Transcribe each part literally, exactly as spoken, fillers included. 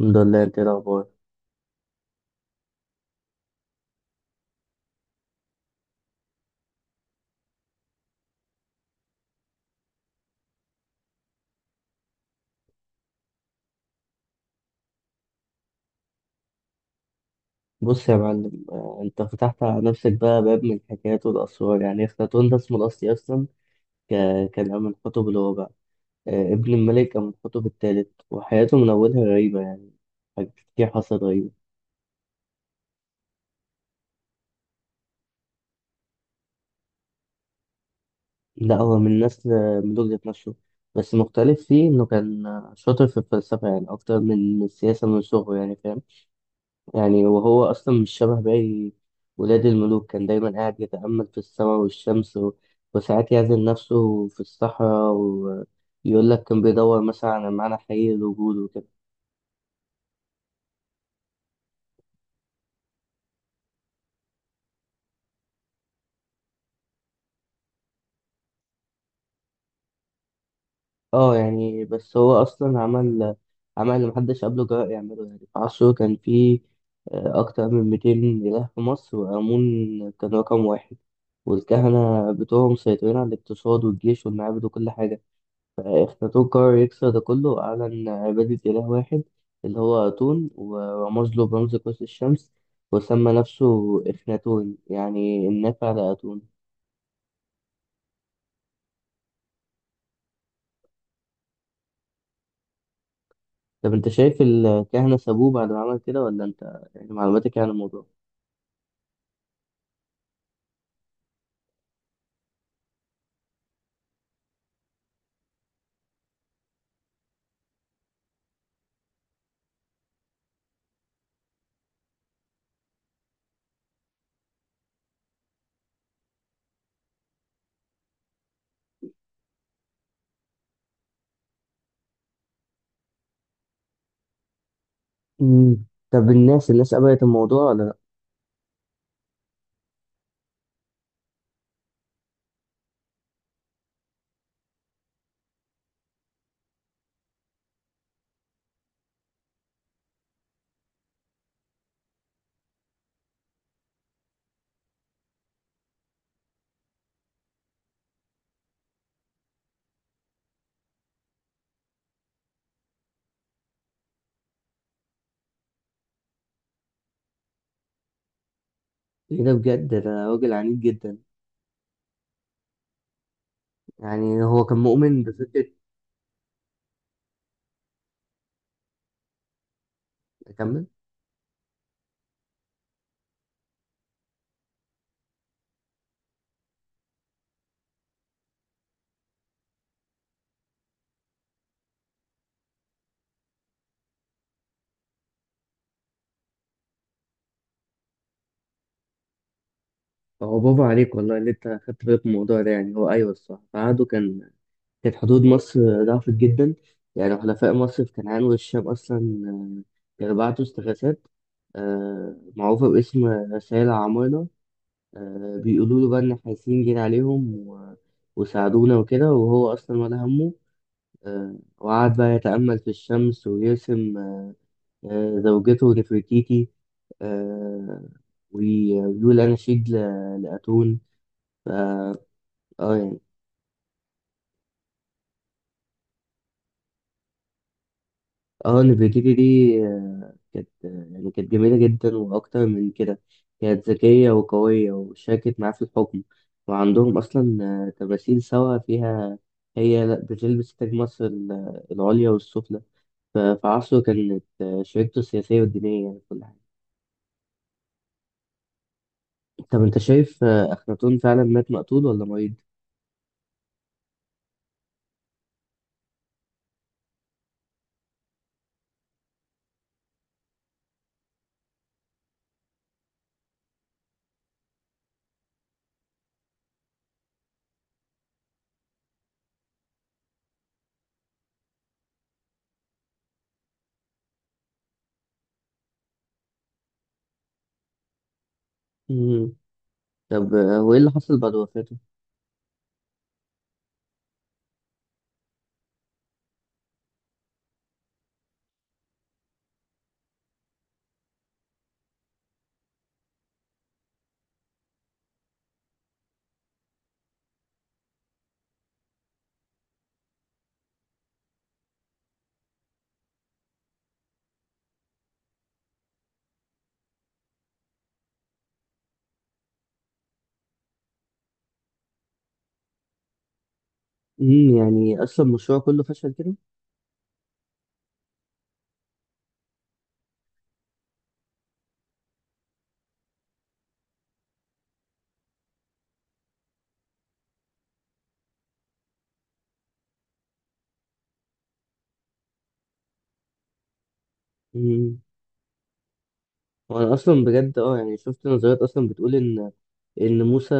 الحمد لله، انت ايه الاخبار؟ بص يا معلم، آه، انت فتحت على نفسك بقى باب من الحكايات والاسرار. يعني اخناتون ده اسمه الاصلي اصلا ك- كان من حتب الرابع. آه، ابن الملك كان من حتب الثالث، وحياته من اولها غريبه. يعني حاجات كتير حصلت غريبه. لا، هو من نسل ملوك ذات نفسه، بس مختلف فيه انه كان شاطر في الفلسفه يعني اكتر من السياسه من صغره، يعني فاهم. يعني وهو أصلا مش شبه باقي ولاد الملوك، كان دايما قاعد يتأمل في السماء والشمس و... وساعات يعزل نفسه في الصحراء، ويقول لك كان بيدور مثلا على معنى حقيقي للوجود وكده. اه يعني، بس هو أصلا عمل عمل اللي محدش قبله جرأ يعمله. يعني في عصره كان فيه آه، أكتر من مئتين إله في مصر، وآمون كان رقم واحد، والكهنة بتوعهم مسيطرين على الاقتصاد والجيش والمعابد وكل حاجة. أفلاطون قرر يكسر ده كله، وأعلن عبادة إله واحد اللي هو أتون، ورمز له برمز قوس الشمس، وسمى نفسه إخناتون يعني النافع لأتون. طب أنت شايف الكهنة سابوه بعد ما عمل كده، ولا أنت يعني معلوماتك إيه عن الموضوع؟ مم. طب الناس، الناس قبلت الموضوع ولا لأ؟ إيه ده بجد، ده راجل عنيد جدا. يعني هو كان مؤمن بفكرة. أكمل؟ هو برافو عليك والله اللي أنت خدت بالك من الموضوع ده. يعني هو أيوه الصح، في عهده كان كانت حدود مصر ضعفت جدا. يعني حلفاء مصر في كنعان والشام أصلا آه، كانوا بعتوا استغاثات آه، معروفة باسم رسائل عمارنة، آه، بيقولوا له بقى إن احنا حاسين جينا عليهم و- وساعدونا وكده، وهو أصلا ولا همه. آه، وقعد بقى يتأمل في الشمس، ويرسم آه، زوجته نفرتيتي، آه، وي- ويقول أناشيد ل- لأتون. اه يعني. اه، نفيديتي دي آه، كانت آه، يعني كانت جميلة جدا، وأكتر من كده كانت ذكية وقوية، وشاركت معاه في الحكم. وعندهم أصلا آه، تماثيل سوا فيها، هي لا بتلبس تاج مصر ال- العليا والسفلى. ف- في عصره كانت آه، شريكته السياسية والدينية يعني في كل حاجة. طب أنت شايف آه، أخناتون فعلا مات مقتول ولا مريض؟ مم. طب آه، وإيه اللي حصل بعد وفاته؟ مم، يعني أصلا المشروع كله فشل كده؟ مم. وانا اصلا بجد اه يعني شفت نظريات اصلا بتقول ان ان موسى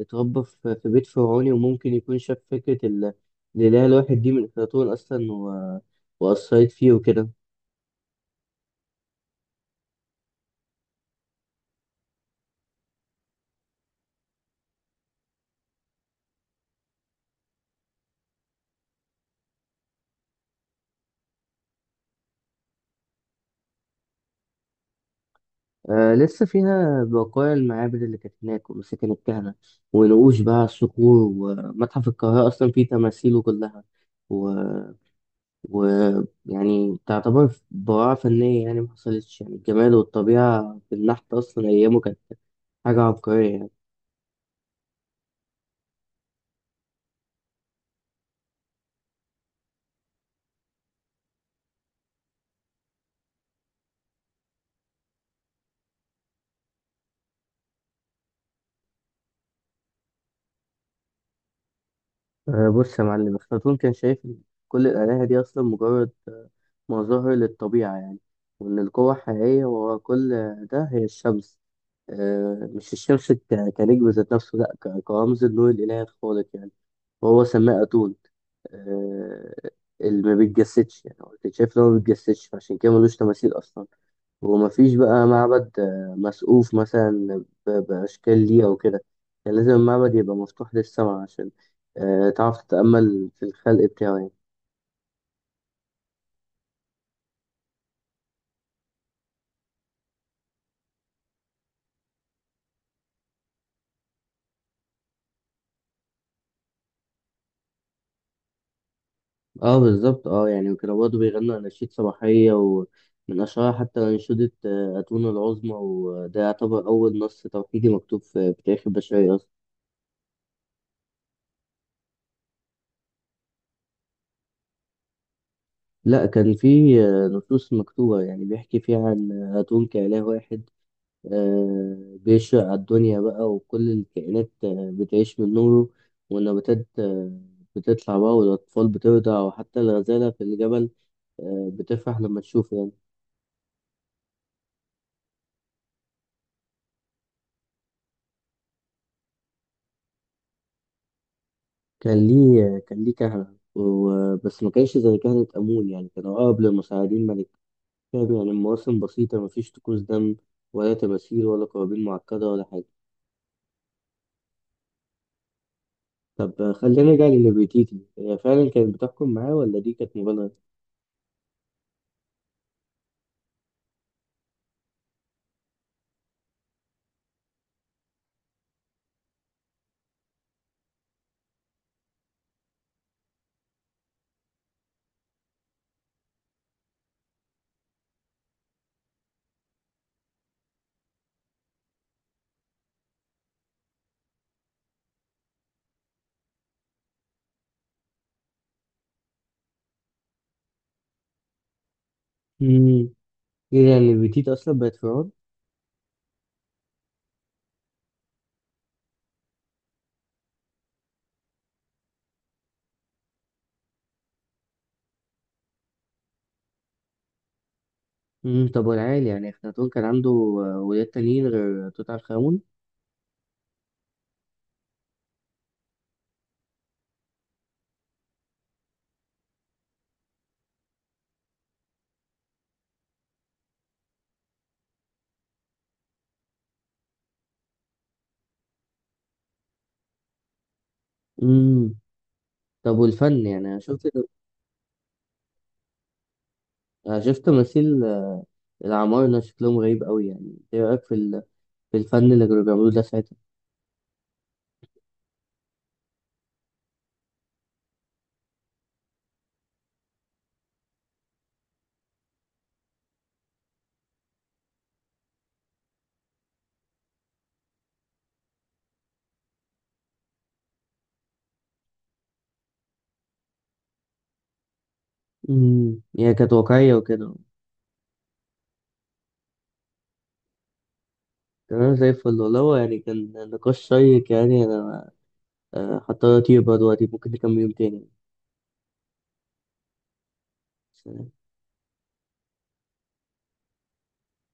اتربى في في بيت فرعوني، وممكن يكون شاف فكرة ال- الاله الواحد دي من افلاطون اصلا و... واثرت فيه وكده. آه لسه فيها بقايا المعابد اللي كانت هناك، ومساكن الكهنة، ونقوش بقى على الصخور. ومتحف القاهرة اصلا فيه تماثيله كلها و... و يعني تعتبر براعة فنية. يعني ما حصلتش يعني الجمال والطبيعة في النحت أصلا أيامه، كانت حاجة عبقرية يعني. آه، بص يا معلم، أفلاطون كان شايف إن كل الآلهة دي أصلا مجرد آه، مظاهر للطبيعة يعني، وإن القوة الحقيقية ورا كل ده هي الشمس. آه، مش الشمس ك- كنجم ذات نفسه، لأ، ك- كرمز النور الإلهي الخالق يعني، وهو سماه أتون، آه، اللي ما بيتجسدش. يعني هو كان شايف إن هو ما بيتجسدش، فعشان كده ملوش تماثيل أصلا. ومفيش بقى معبد آه، مسقوف مثلا ب- بأشكال ليه أو كده، يعني لازم المعبد يبقى مفتوح للسماء عشان آه، تعرف تتأمل في الخلق بتاعه يعني. اه بالظبط، اه يعني وكانوا برضه بيغنوا أناشيد صباحية، ومن أشهرها حتى أنشودة آه، أتون العظمى، وده يعتبر أول نص توحيدي مكتوب في في تاريخ البشرية أصلا. لا، كان في آه، نصوص مكتوبة يعني بيحكي فيها عن أتون كإله واحد، آه، بيشرق على الدنيا بقى، وكل الكائنات آه، بتعيش من نوره، والنباتات آه، بتطلع بقى، والأطفال بترضع، وحتى الغزالة في الجبل آه، بتفرح لما تشوفه يعني. كان ليه كان ليه كهنة و- بس ما كانش زي كهنة آمون، يعني كان أقرب للمساعدين ملك. كان يعني المواسم بسيطة، مفيش طقوس دم ولا تماثيل ولا قرابين معقدة ولا حاجة. طب آه، خلينا نرجع لنفرتيتي، هي فعلا كانت بتحكم معاه ولا دي كانت مبالغة؟ مم. ايه يعني نفرتيتي أصلا بقت فرعون؟ امم، طب والعيال، يعني أخناتون كان عنده آه، ولاد تانيين غير توت عنخ آمون؟ امم. طب والفن، يعني أنا شفت، أنا شفت تماثيل آه، العمارنة شكلهم غريب أوي، يعني إيه رأيك في ال... في الفن اللي كانوا بيعملوه ده ساعتها؟ امم، يعني كانت واقعية وكده. تمام، زي الفل والله، هو يعني كان نقاش شيق. يعني أنا آه، هضطر أطير بقى دلوقتي، ممكن نكمل يوم تاني.